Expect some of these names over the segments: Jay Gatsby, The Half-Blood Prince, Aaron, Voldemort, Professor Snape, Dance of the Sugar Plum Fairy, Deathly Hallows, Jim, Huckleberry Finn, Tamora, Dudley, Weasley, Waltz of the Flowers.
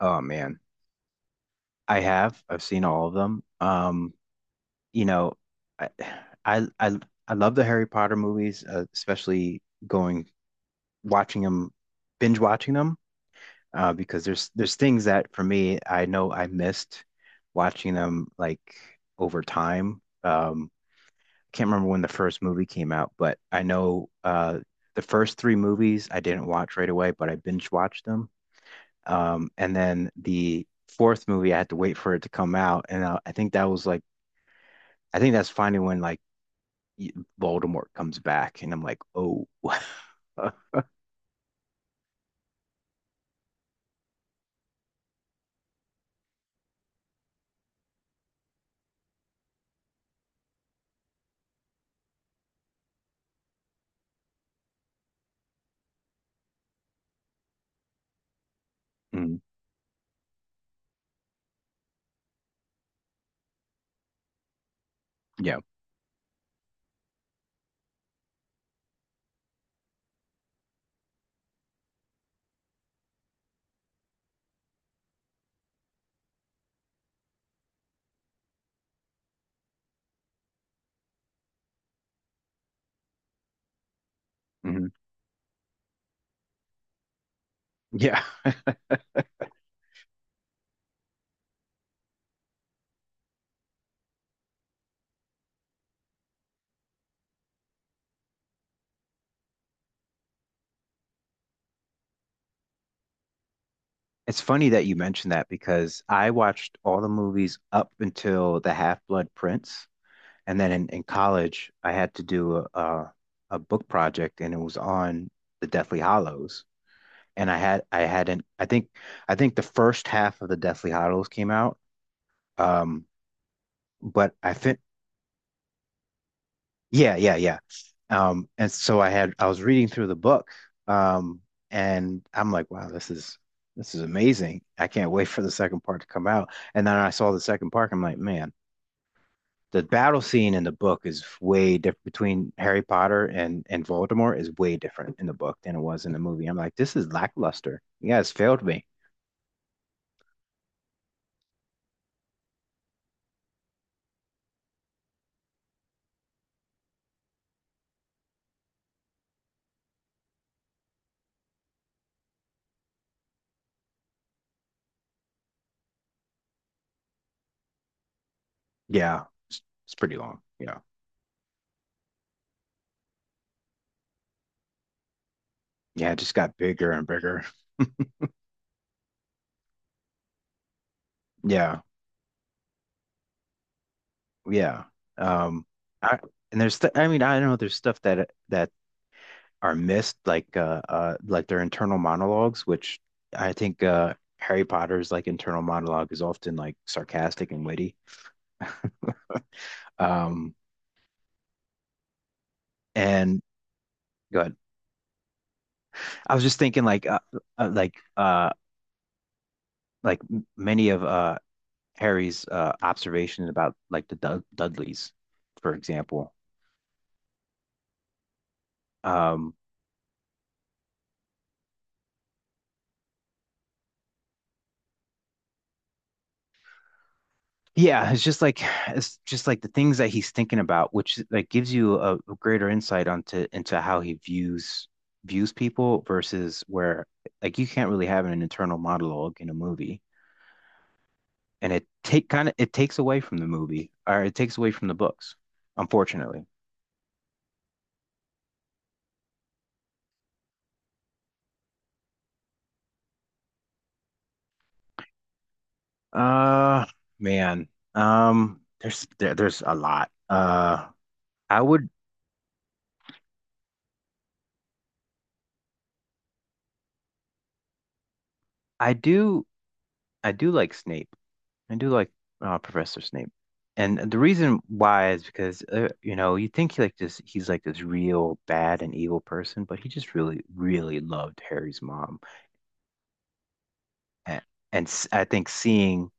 Oh man, I have. I've seen all of them. You know, I I I, I love the Harry Potter movies, especially going watching them, binge watching them, because there's things that for me I know I missed watching them like over time. I can't remember when the first movie came out, but I know the first three movies I didn't watch right away, but I binge watched them. And then the fourth movie, I had to wait for it to come out, and I think that was like, I think that's finally when like y- Voldemort comes back, and I'm like, oh. Mm, yeah, mhm, yeah. It's funny that you mentioned that because I watched all the movies up until The Half-Blood Prince, and then in college, I had to do a book project, and it was on the Deathly Hollows, and I had I hadn't I think the first half of the Deathly Hollows came out. Um, but I fit. Yeah, yeah, yeah. And so I was reading through the book, um, and I'm like, wow, this is amazing. I can't wait for the second part to come out. And then I saw the second part. I'm like, man, the battle scene in the book is way different between Harry Potter and Voldemort is way different in the book than it was in the movie. I'm like, this is lackluster. You guys failed me. Yeah, it's pretty long. Yeah, yeah, it just got bigger and bigger. Yeah, yeah. Um, I I mean I know there's stuff that are missed like their internal monologues, which I think Harry Potter's like internal monologue is often like sarcastic and witty. Um, and good. I was just thinking like uh like uh many of Harry's observations about like the Dudleys, for example. um. Yeah, it's just like the things that he's thinking about, which like gives you a greater insight onto into how he views people versus where like you can't really have an internal monologue in a movie, and it takes away from the movie or it takes away from the books, unfortunately. Uh, man, there's a lot. I would I do I do like Snape. I do like Professor Snape, and the reason why is because you know you think he's like this real bad and evil person, but he just really loved Harry's mom, and, I think seeing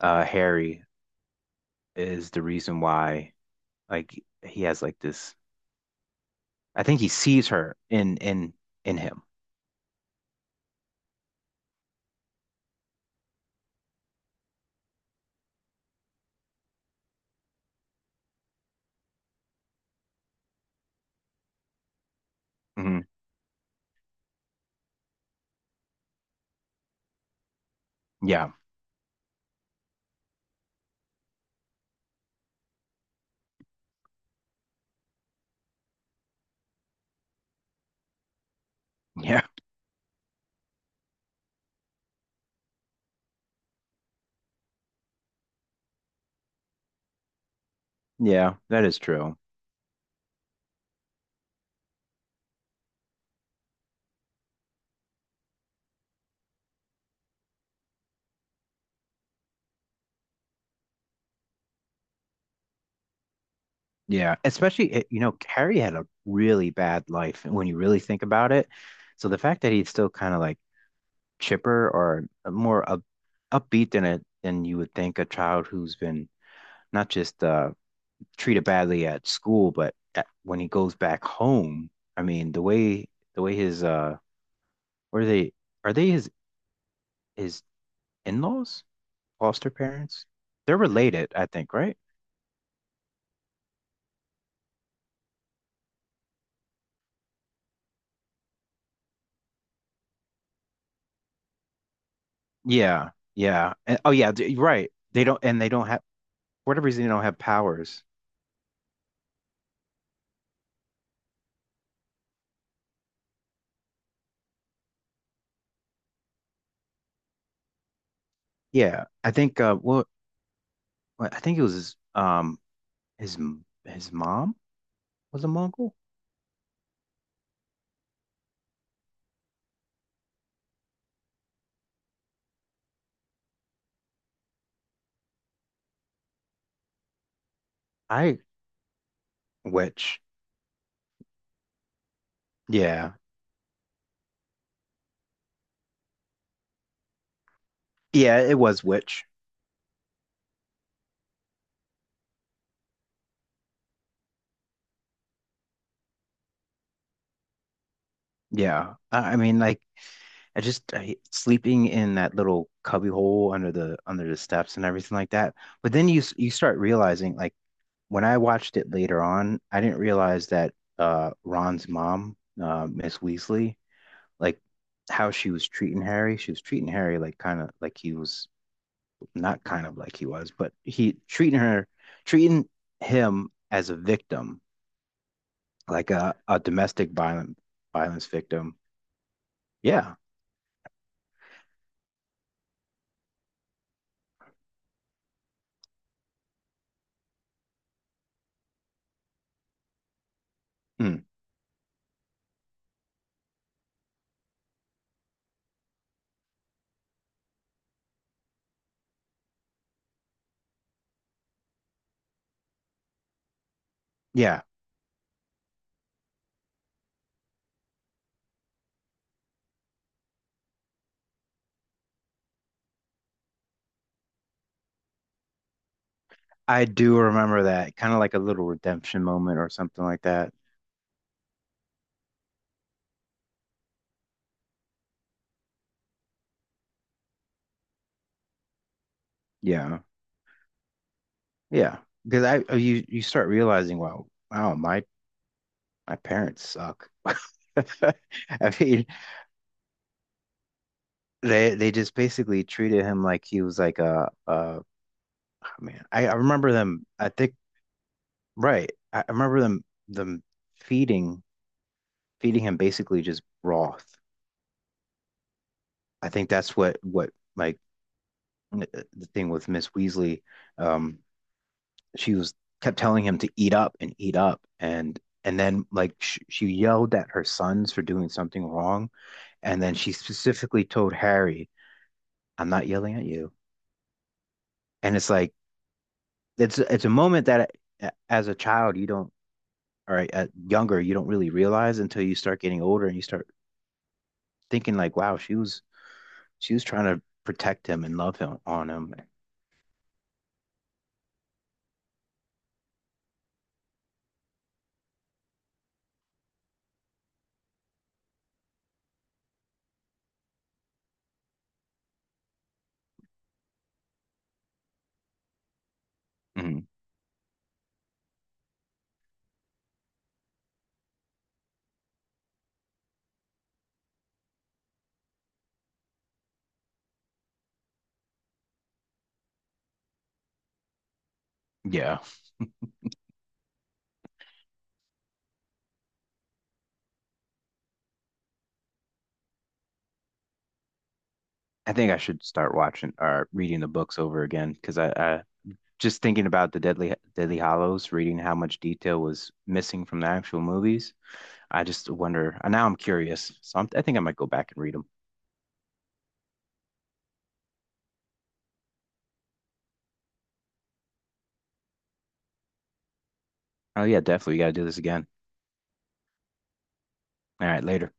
Harry is the reason why like he has like this. I think he sees her in him. Hmm. Yeah, yeah, yeah. That is true. Yeah, especially you know Harry had a really bad life when you really think about it. So the fact that he still kind of like chipper or more up, upbeat than a than you would think a child who's been not just treated badly at school, but when he goes back home, I mean the way his what are they his his in-laws, foster parents? They're related, I think, right? Yeah, yeah. And, oh yeah, right. They don't have for whatever reason they don't have powers. Yeah, I think well, I think it was his, his mom was a Mongol. I Witch. Yeah. Yeah, it was Witch. Yeah. I mean like sleeping in that little cubby hole under the steps and everything like that. But then you start realizing like when I watched it later on, I didn't realize that Ron's mom, Miss Weasley, like how she was treating Harry. She was treating Harry like kind of like he was not kind of like he was, but he treating her treating him as a victim like a domestic violent violence victim. Yeah. Hmm. Yeah. I do remember that. Kind of like a little redemption moment or something like that. Yeah. Yeah. Because I you you start realizing, wow, wow, my parents suck. I mean, they just basically treated him like he was like a man. I remember them. I think right. I remember them feeding feeding him basically just broth. I think that's what like the thing with Miss Weasley, um, she was kept telling him to eat up, and then like sh she yelled at her sons for doing something wrong, and then she specifically told Harry, "I'm not yelling at you." And it's like it's a moment that as a child you don't, or younger you don't really realize until you start getting older and you start thinking like, "Wow, she was trying to protect him and love him on him." Mhm. Yeah, I think I should start watching or reading the books over again because I just thinking about the Deadly Hollows, reading how much detail was missing from the actual movies, I just wonder. And now I'm curious, so I think I might go back and read them. Oh yeah, definitely. We got to do this again. All right, later.